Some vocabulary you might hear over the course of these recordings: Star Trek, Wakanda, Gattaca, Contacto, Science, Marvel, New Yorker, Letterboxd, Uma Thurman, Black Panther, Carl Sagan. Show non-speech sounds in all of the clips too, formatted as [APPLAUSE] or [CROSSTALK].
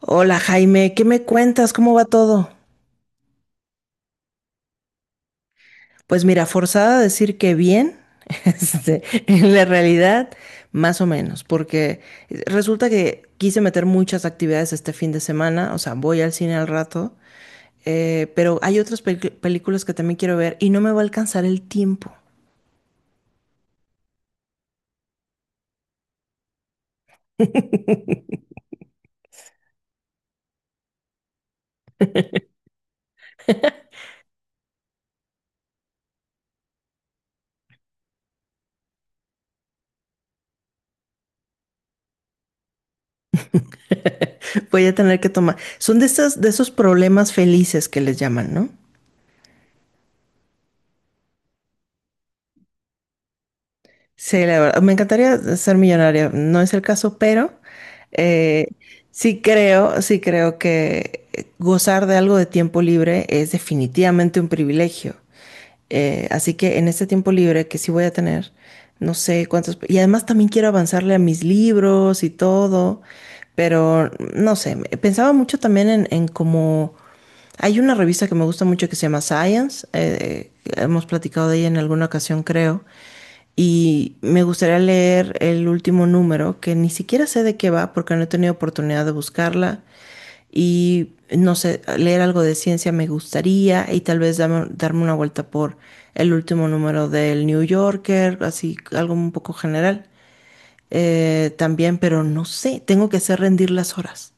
Hola Jaime, ¿qué me cuentas? ¿Cómo va todo? Pues mira, forzada a decir que bien, [LAUGHS] en la realidad, más o menos, porque resulta que quise meter muchas actividades este fin de semana, o sea, voy al cine al rato, pero hay otras películas que también quiero ver y no me va a alcanzar el tiempo. [LAUGHS] Voy a tener que tomar. Son de esas, de esos problemas felices que les llaman, ¿no? Sí, la verdad, me encantaría ser millonaria, no es el caso, pero eh, sí creo que gozar de algo de tiempo libre es definitivamente un privilegio. Así que en este tiempo libre que sí voy a tener, no sé cuántos, y además también quiero avanzarle a mis libros y todo, pero no sé, pensaba mucho también en, cómo hay una revista que me gusta mucho que se llama Science, hemos platicado de ella en alguna ocasión, creo, y me gustaría leer el último número, que ni siquiera sé de qué va porque no he tenido oportunidad de buscarla, y no sé, leer algo de ciencia me gustaría, y tal vez darme una vuelta por el último número del New Yorker, así algo un poco general, también, pero no sé, tengo que hacer rendir las horas.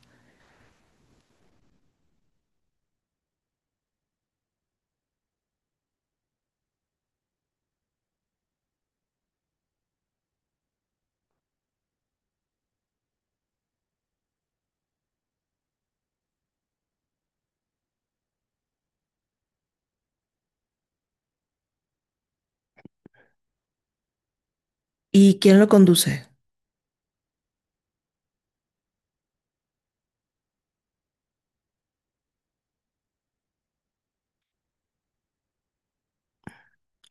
¿Y quién lo conduce?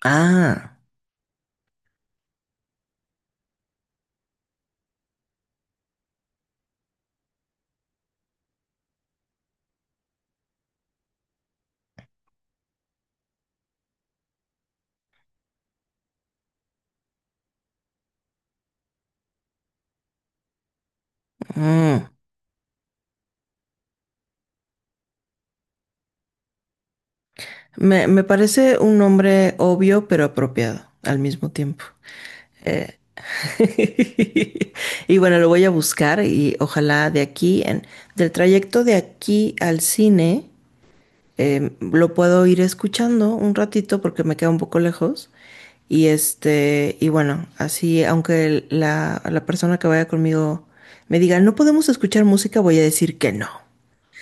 Ah. Mm. Me parece un nombre obvio pero apropiado al mismo tiempo. Eh, [LAUGHS] Y bueno, lo voy a buscar y ojalá de aquí, del trayecto de aquí al cine, lo puedo ir escuchando un ratito porque me queda un poco lejos. Y bueno, así, aunque la persona que vaya conmigo me diga, no podemos escuchar música, voy a decir que no.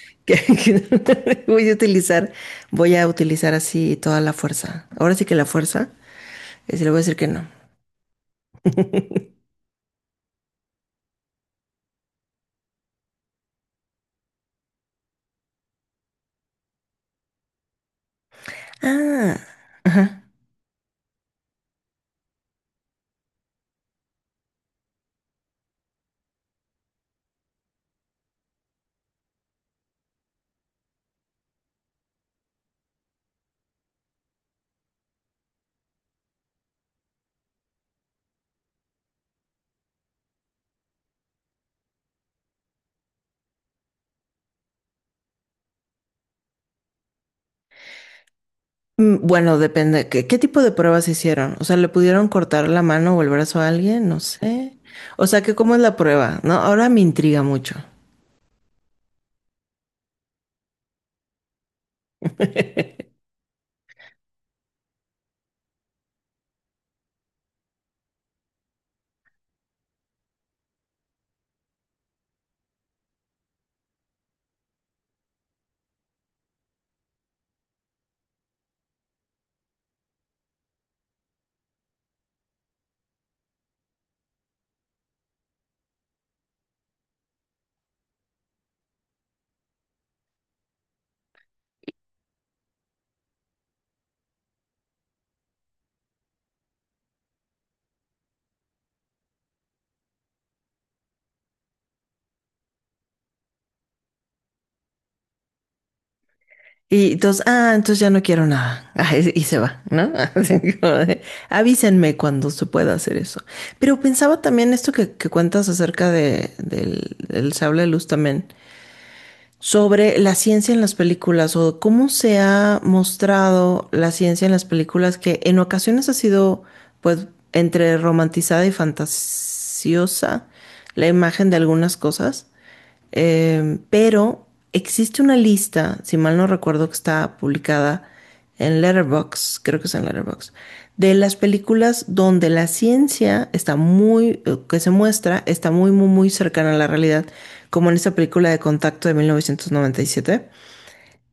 [LAUGHS] que voy a utilizar así toda la fuerza. Ahora sí que la fuerza, sí le voy a decir que no. Ah, ajá. Mm. Bueno, depende. ¿Qué tipo de pruebas hicieron? O sea, ¿le pudieron cortar la mano o el brazo a alguien? No sé. O sea, que cómo es la prueba, ¿no? Ahora me intriga mucho. Y entonces ya no quiero nada. [LAUGHS] Ah, y se va, ¿no? [LAUGHS] Así como de, avísenme cuando se pueda hacer eso. Pero pensaba también esto que cuentas acerca del sable de luz también. Sobre la ciencia en las películas o cómo se ha mostrado la ciencia en las películas que en ocasiones ha sido pues entre romantizada y fantasiosa la imagen de algunas cosas. Pero existe una lista, si mal no recuerdo, que está publicada en Letterboxd, creo que es en Letterboxd, de las películas donde la ciencia está muy, que se muestra, está muy, muy, muy cercana a la realidad, como en esta película de Contacto de 1997,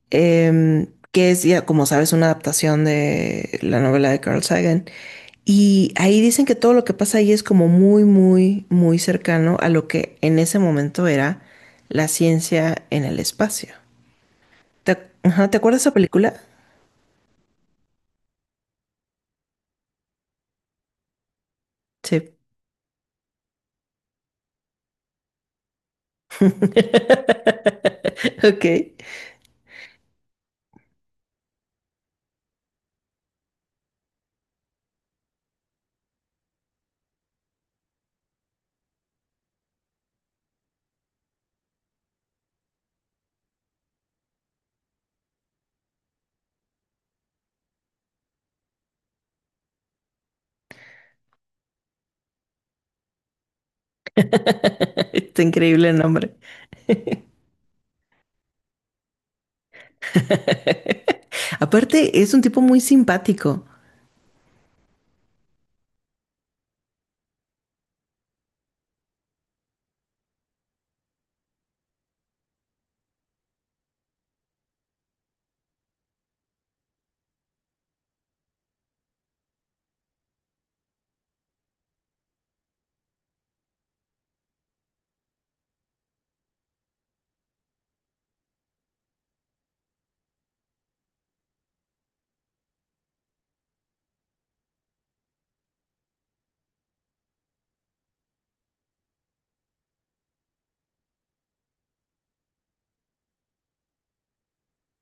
que es, ya como sabes, una adaptación de la novela de Carl Sagan. Y ahí dicen que todo lo que pasa ahí es como muy, muy, muy cercano a lo que en ese momento era la ciencia en el espacio. Ajá. ¿Te acuerdas de esa película? Sí. [LAUGHS] Ok. [LAUGHS] Está increíble el nombre. Aparte, es un tipo muy simpático.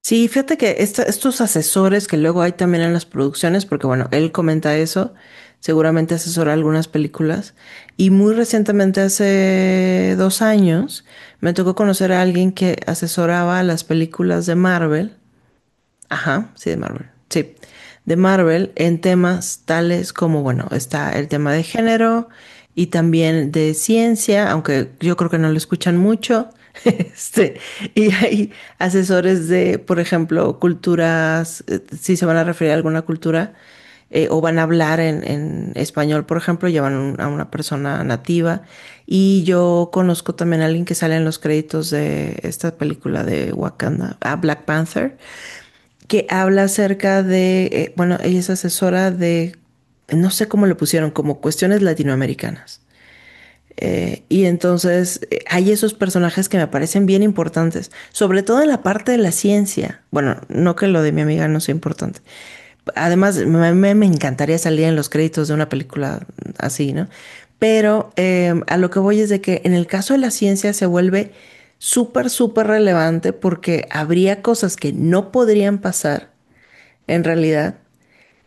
Sí, fíjate que estos asesores que luego hay también en las producciones, porque bueno, él comenta eso, seguramente asesora algunas películas, y muy recientemente, hace 2 años, me tocó conocer a alguien que asesoraba las películas de Marvel. Ajá, sí, de Marvel. Sí, de Marvel en temas tales como, bueno, está el tema de género y también de ciencia, aunque yo creo que no lo escuchan mucho. [LAUGHS] Este, y hay asesores de, por ejemplo, culturas, si se van a referir a alguna cultura, o van a hablar en, español, por ejemplo, llevan a una persona nativa. Y yo conozco también a alguien que sale en los créditos de esta película de Wakanda, a Black Panther, que habla acerca de, bueno, ella es asesora de, no sé cómo lo pusieron, como cuestiones latinoamericanas. Y entonces hay esos personajes que me parecen bien importantes, sobre todo en la parte de la ciencia. Bueno, no que lo de mi amiga no sea importante. Además, me encantaría salir en los créditos de una película así, ¿no? Pero a lo que voy es de que en el caso de la ciencia se vuelve súper, súper relevante porque habría cosas que no podrían pasar en realidad,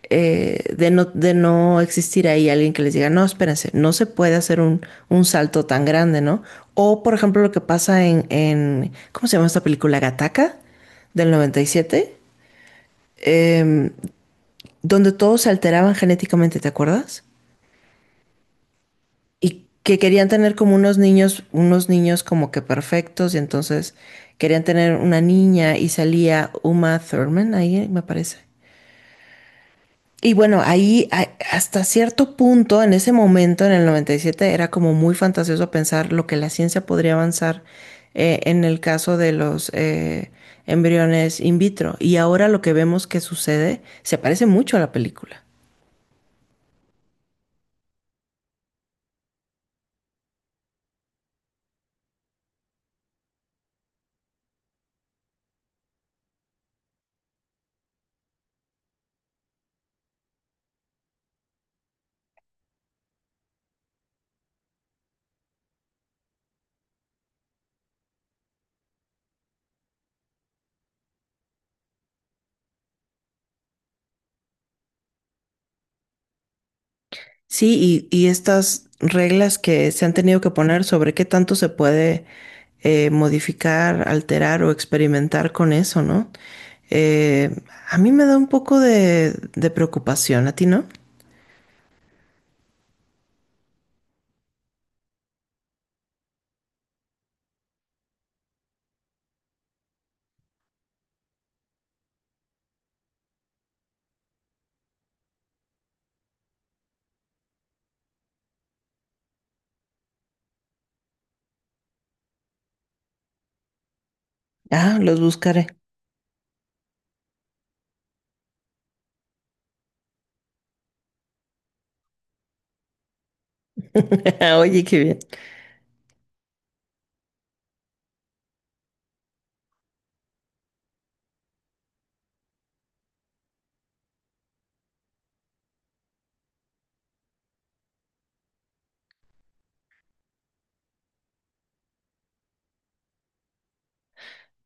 de no existir ahí alguien que les diga, no, espérense, no se puede hacer un salto tan grande, ¿no? O, por ejemplo, lo que pasa en, ¿cómo se llama esta película? Gattaca del 97, eh, donde todos se alteraban genéticamente, ¿te acuerdas? Y que querían tener como unos niños como que perfectos, y entonces querían tener una niña y salía Uma Thurman ahí, me parece. Y bueno, ahí hasta cierto punto, en ese momento, en el 97 era como muy fantasioso pensar lo que la ciencia podría avanzar, en el caso de los embriones in vitro. Y ahora lo que vemos que sucede se parece mucho a la película. Sí, y estas reglas que se han tenido que poner sobre qué tanto se puede modificar, alterar o experimentar con eso, ¿no? Eh, a mí me da un poco de preocupación, ¿a ti no? Ah, los buscaré. [LAUGHS] Oye, qué bien.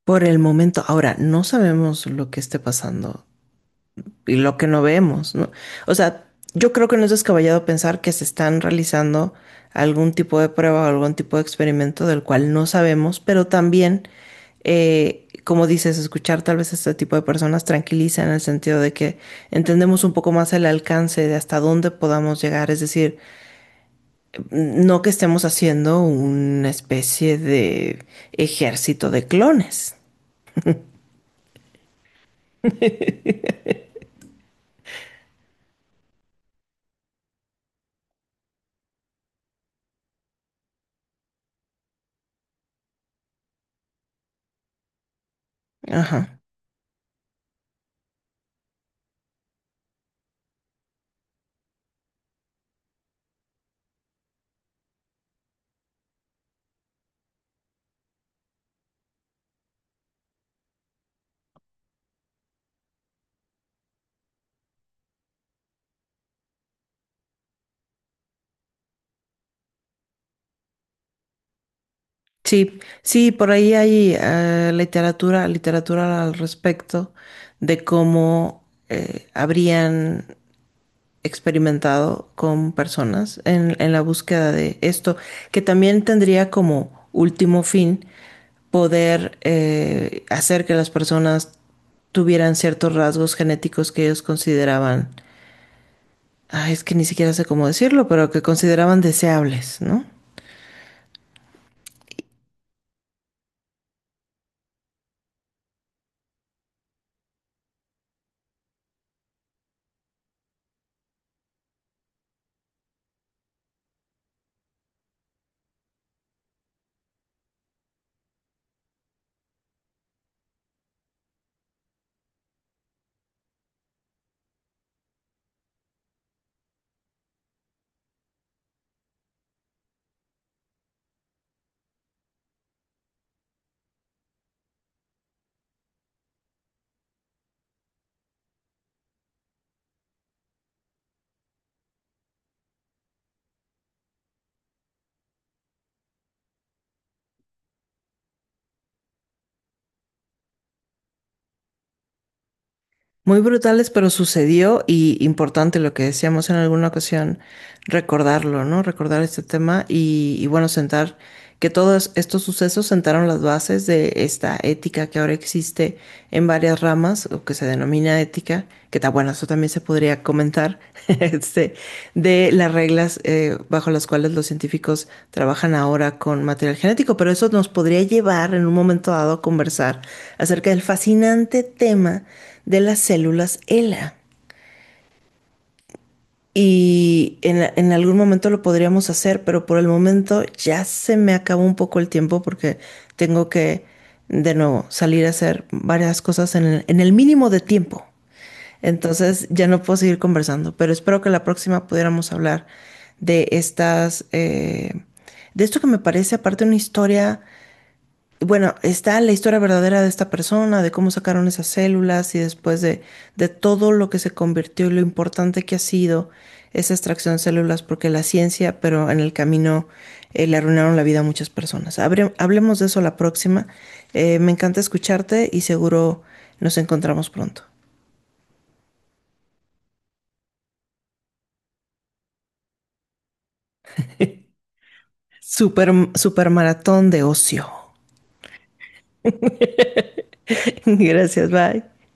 Por el momento, ahora no sabemos lo que esté pasando y lo que no vemos, ¿no? O sea, yo creo que no es descabellado pensar que se están realizando algún tipo de prueba o algún tipo de experimento del cual no sabemos, pero también, como dices, escuchar tal vez a este tipo de personas tranquiliza en el sentido de que entendemos un poco más el alcance de hasta dónde podamos llegar. Es decir, no que estemos haciendo una especie de ejército de clones. Ajá. Sí, sí, por ahí hay literatura, literatura al respecto de cómo habrían experimentado con personas en, la búsqueda de esto, que también tendría como último fin poder hacer que las personas tuvieran ciertos rasgos genéticos que ellos consideraban, ay, es que ni siquiera sé cómo decirlo, pero que consideraban deseables, ¿no? Muy brutales, pero sucedió, y importante lo que decíamos en alguna ocasión, recordarlo, ¿no? Recordar este tema y, bueno, sentar que todos estos sucesos sentaron las bases de esta ética que ahora existe en varias ramas o que se denomina ética, que está bueno, eso también se podría comentar, [LAUGHS] este, de las reglas bajo las cuales los científicos trabajan ahora con material genético, pero eso nos podría llevar en un momento dado a conversar acerca del fascinante tema de las células ELA. Y en, algún momento lo podríamos hacer, pero por el momento ya se me acabó un poco el tiempo porque tengo que, de nuevo, salir a hacer varias cosas en el mínimo de tiempo. Entonces ya no puedo seguir conversando, pero espero que la próxima pudiéramos hablar de estas, de esto que me parece aparte una historia. Bueno, está la historia verdadera de esta persona, de cómo sacaron esas células y después de todo lo que se convirtió y lo importante que ha sido esa extracción de células, porque la ciencia, pero en el camino, le arruinaron la vida a muchas personas. Hablemos de eso la próxima. Me encanta escucharte y seguro nos encontramos pronto. Super, super maratón de ocio. [LAUGHS] Gracias, bye.